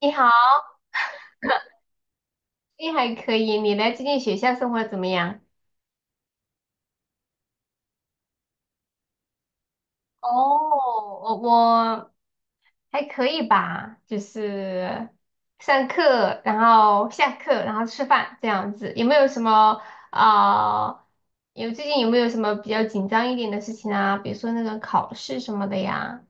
你好，你还可以。你的最近学校生活怎么样？哦，我还可以吧，就是上课，然后下课，然后吃饭这样子。有没有什么啊、有最近有没有什么比较紧张一点的事情啊？比如说那个考试什么的呀？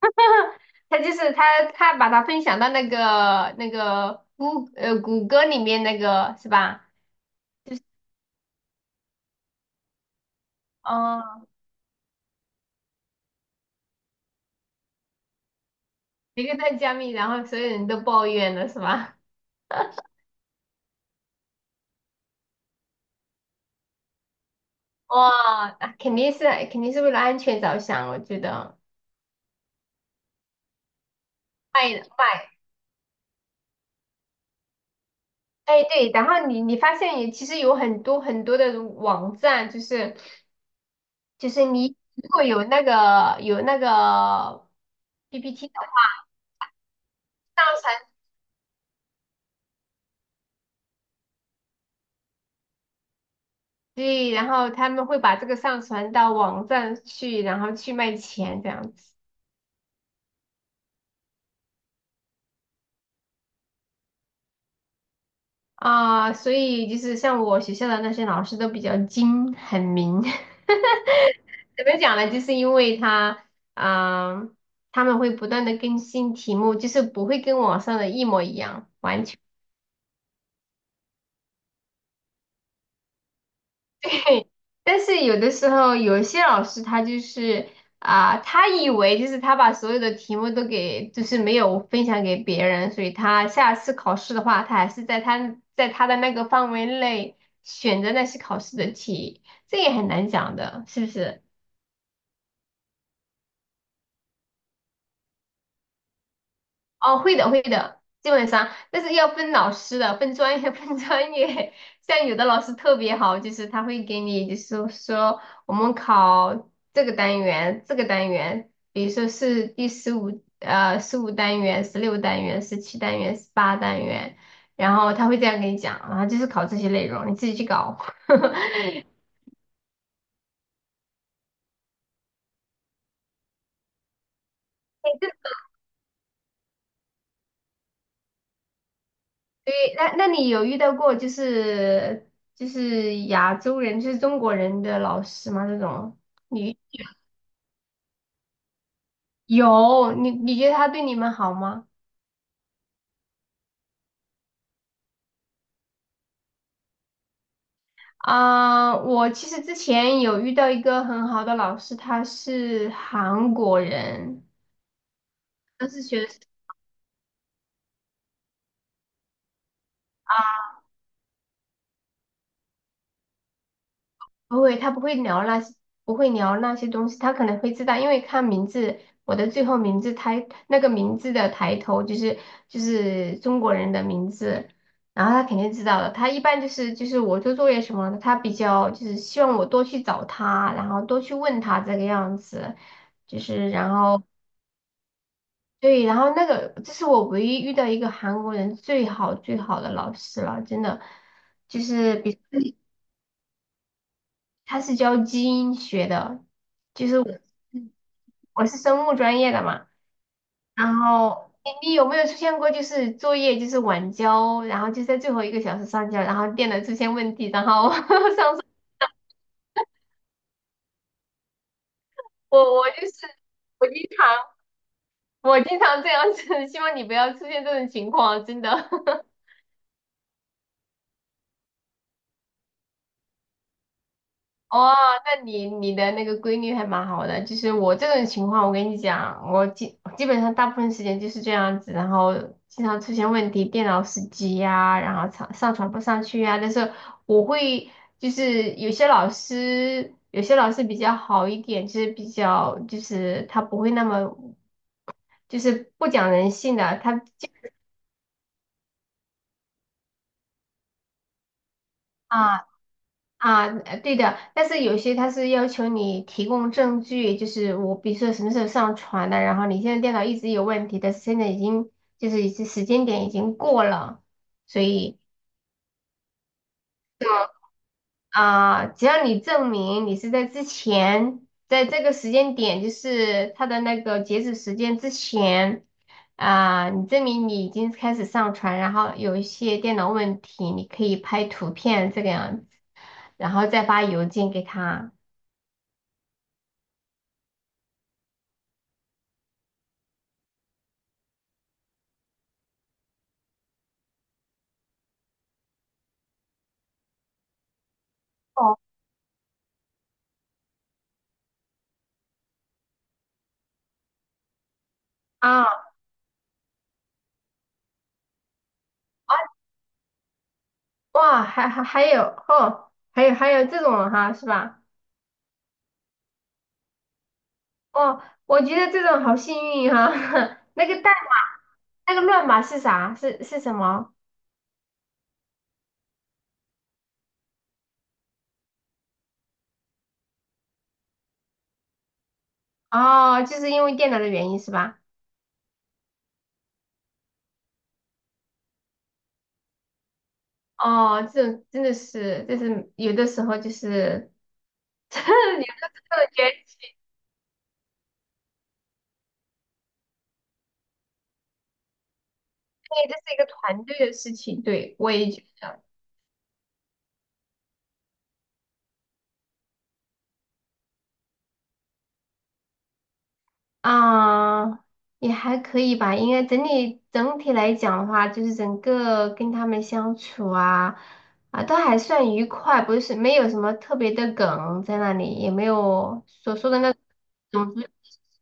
他就是他他把它分享到那个谷歌里面那个是吧？哦，一个在加密，然后所有人都抱怨了是吧？哇，啊肯定是为了安全着想，我觉得。卖卖，哎对，然后你发现也其实有很多很多的网站，就是你如果有那个 PPT 的话，上传对，然后他们会把这个上传到网站去，然后去卖钱这样子。啊，所以就是像我学校的那些老师都比较精很明。怎么讲呢？就是因为他，嗯、他们会不断的更新题目，就是不会跟网上的一模一样。但是有的时候，有一些老师他以为就是他把所有的题目都给，就是没有分享给别人，所以他下次考试的话，他还是在他的那个范围内选择那些考试的题，这也很难讲的，是不是？哦，会的，会的，基本上，但是要分老师的，分专业，分专业。像有的老师特别好，就是他会给你，就是说我们考这个单元，这个单元，比如说是第十五单元、16单元、17单元、18单元，然后他会这样给你讲，然后就是考这些内容，你自己去搞。哎这对，那你有遇到过就是亚洲人，就是中国人的老师吗？这种？你？有，你觉得他对你们好吗？我其实之前有遇到一个很好的老师，他是韩国人，他是学不会，他不会聊那些，不会聊那些东西，他可能会知道，因为看名字，我的最后名字抬那个名字的抬头就是就是中国人的名字，然后他肯定知道的。他一般就是我做作业什么的，他比较就是希望我多去找他，然后多去问他这个样子。就是然后对，然后那个，这是我唯一遇到一个韩国人最好最好的老师了，真的，就是比他是教基因学的，就是我嗯我是生物专业的嘛，然后你有没有出现过就是作业就是晚交，然后就在最后一个小时上交，然后电脑出现问题，然后 上次我我就是我经常我经常这样子，希望你不要出现这种情况，真的。哦，那你的那个规律还蛮好的。就是我这种情况，我跟你讲，我基本上大部分时间就是这样子，然后经常出现问题，电脑死机呀、然后上传不上去呀、但是我会就是有些老师，有些老师比较好一点，就是比较就是他不会那么就是不讲人性的，他。啊。对的，但是有些他是要求你提供证据，就是我比如说什么时候上传的，然后你现在电脑一直有问题，但是现在已经就是已经时间点已经过了，所以。啊，只要你证明你是在之前，在这个时间点，就是它的那个截止时间之前啊，你证明你已经开始上传，然后有一些电脑问题，你可以拍图片这个样子，然后再发邮件给他。哦啊。哇，还有哦，还有还有这种哈，是吧？哦，我觉得这种好幸运哈。那个代码，那个乱码是啥？是什么？哦，就是因为电脑的原因是吧？哦，这种真的是，就是有的时候就是，有的时候觉得因为这是一个团队的事情，对，我也觉得。啊，也还可以吧。应该整体来讲的话，就是整个跟他们相处啊，啊，都还算愉快，不是没有什么特别的梗在那里，也没有所说的那种族歧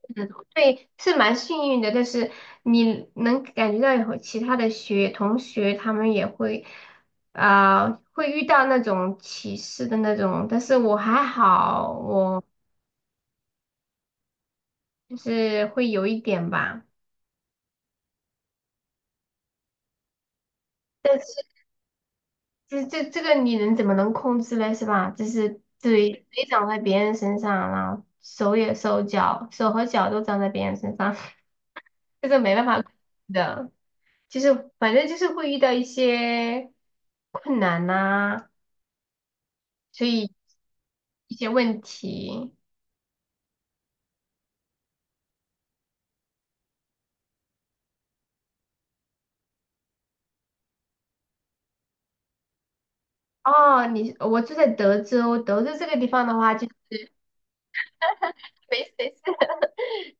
视的。对，是蛮幸运的。但是你能感觉到有其他的同学，他们也会会遇到那种歧视的那种，但是我还好，我就是会有一点吧。但是。这个你能怎么能控制呢？是吧？就是嘴长在别人身上，然后手和脚都长在别人身上，这个没办法控制的。就是反正就是会遇到一些困难呐、所以一些问题。哦，我住在德州，德州这个地方的话就 没事没事。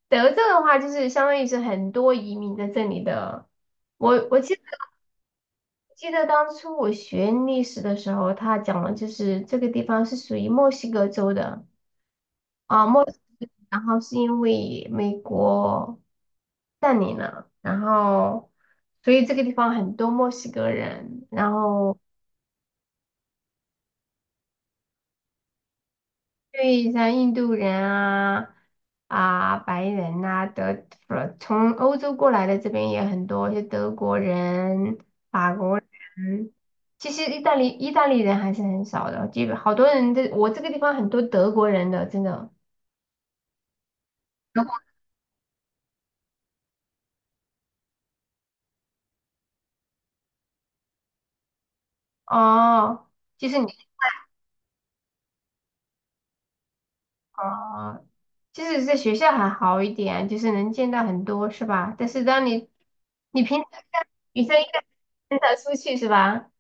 德州的话就是相当于是很多移民在这里的，我记得。记得当初我学历史的时候，他讲了，就是这个地方是属于墨西哥州的啊，墨西哥然后是因为美国占领了，然后所以这个地方很多墨西哥人，然后。对，像印度人啊，白人呐、不是从欧洲过来的这边也很多，就德国人、法国人。其实意大利人还是很少的，基本好多人我这个地方很多德国人的，真的。德国哦，就是你哦，即使在学校还好一点，就是能见到很多是吧？但是当你平常女生应该很少出去是吧？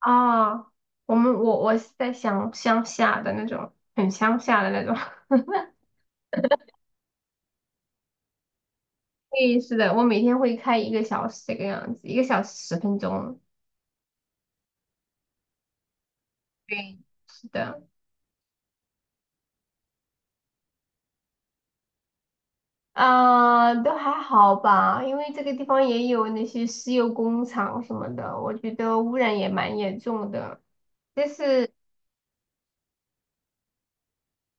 哦，我们我我是在乡下的那种，很乡下的那种。对，是的，我每天会开一个小时这个样子，1个小时10分钟。对，是的，都还好吧，因为这个地方也有那些石油工厂什么的，我觉得污染也蛮严重的。但是。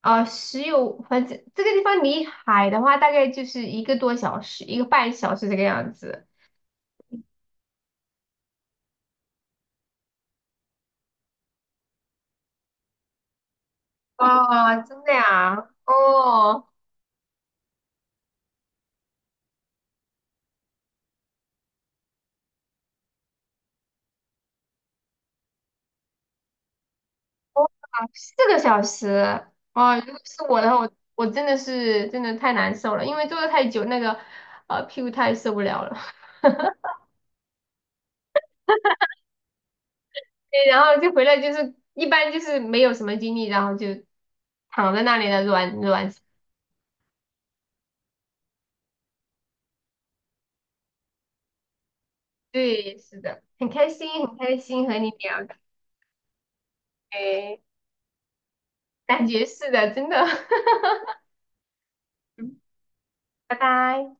石油，反正这个地方离海的话，大概就是1个多小时，1个半小时这个样子。啊，真的呀？哦，4个小时哦，如果是我的话，我真的是真的太难受了，因为坐的太久，那个屁股太受不了了。对，然后就回来就是一般就是没有什么精力，然后就躺在那里的软软。对，是的，很开心，很开心和你聊天，感觉是的，真的。拜拜。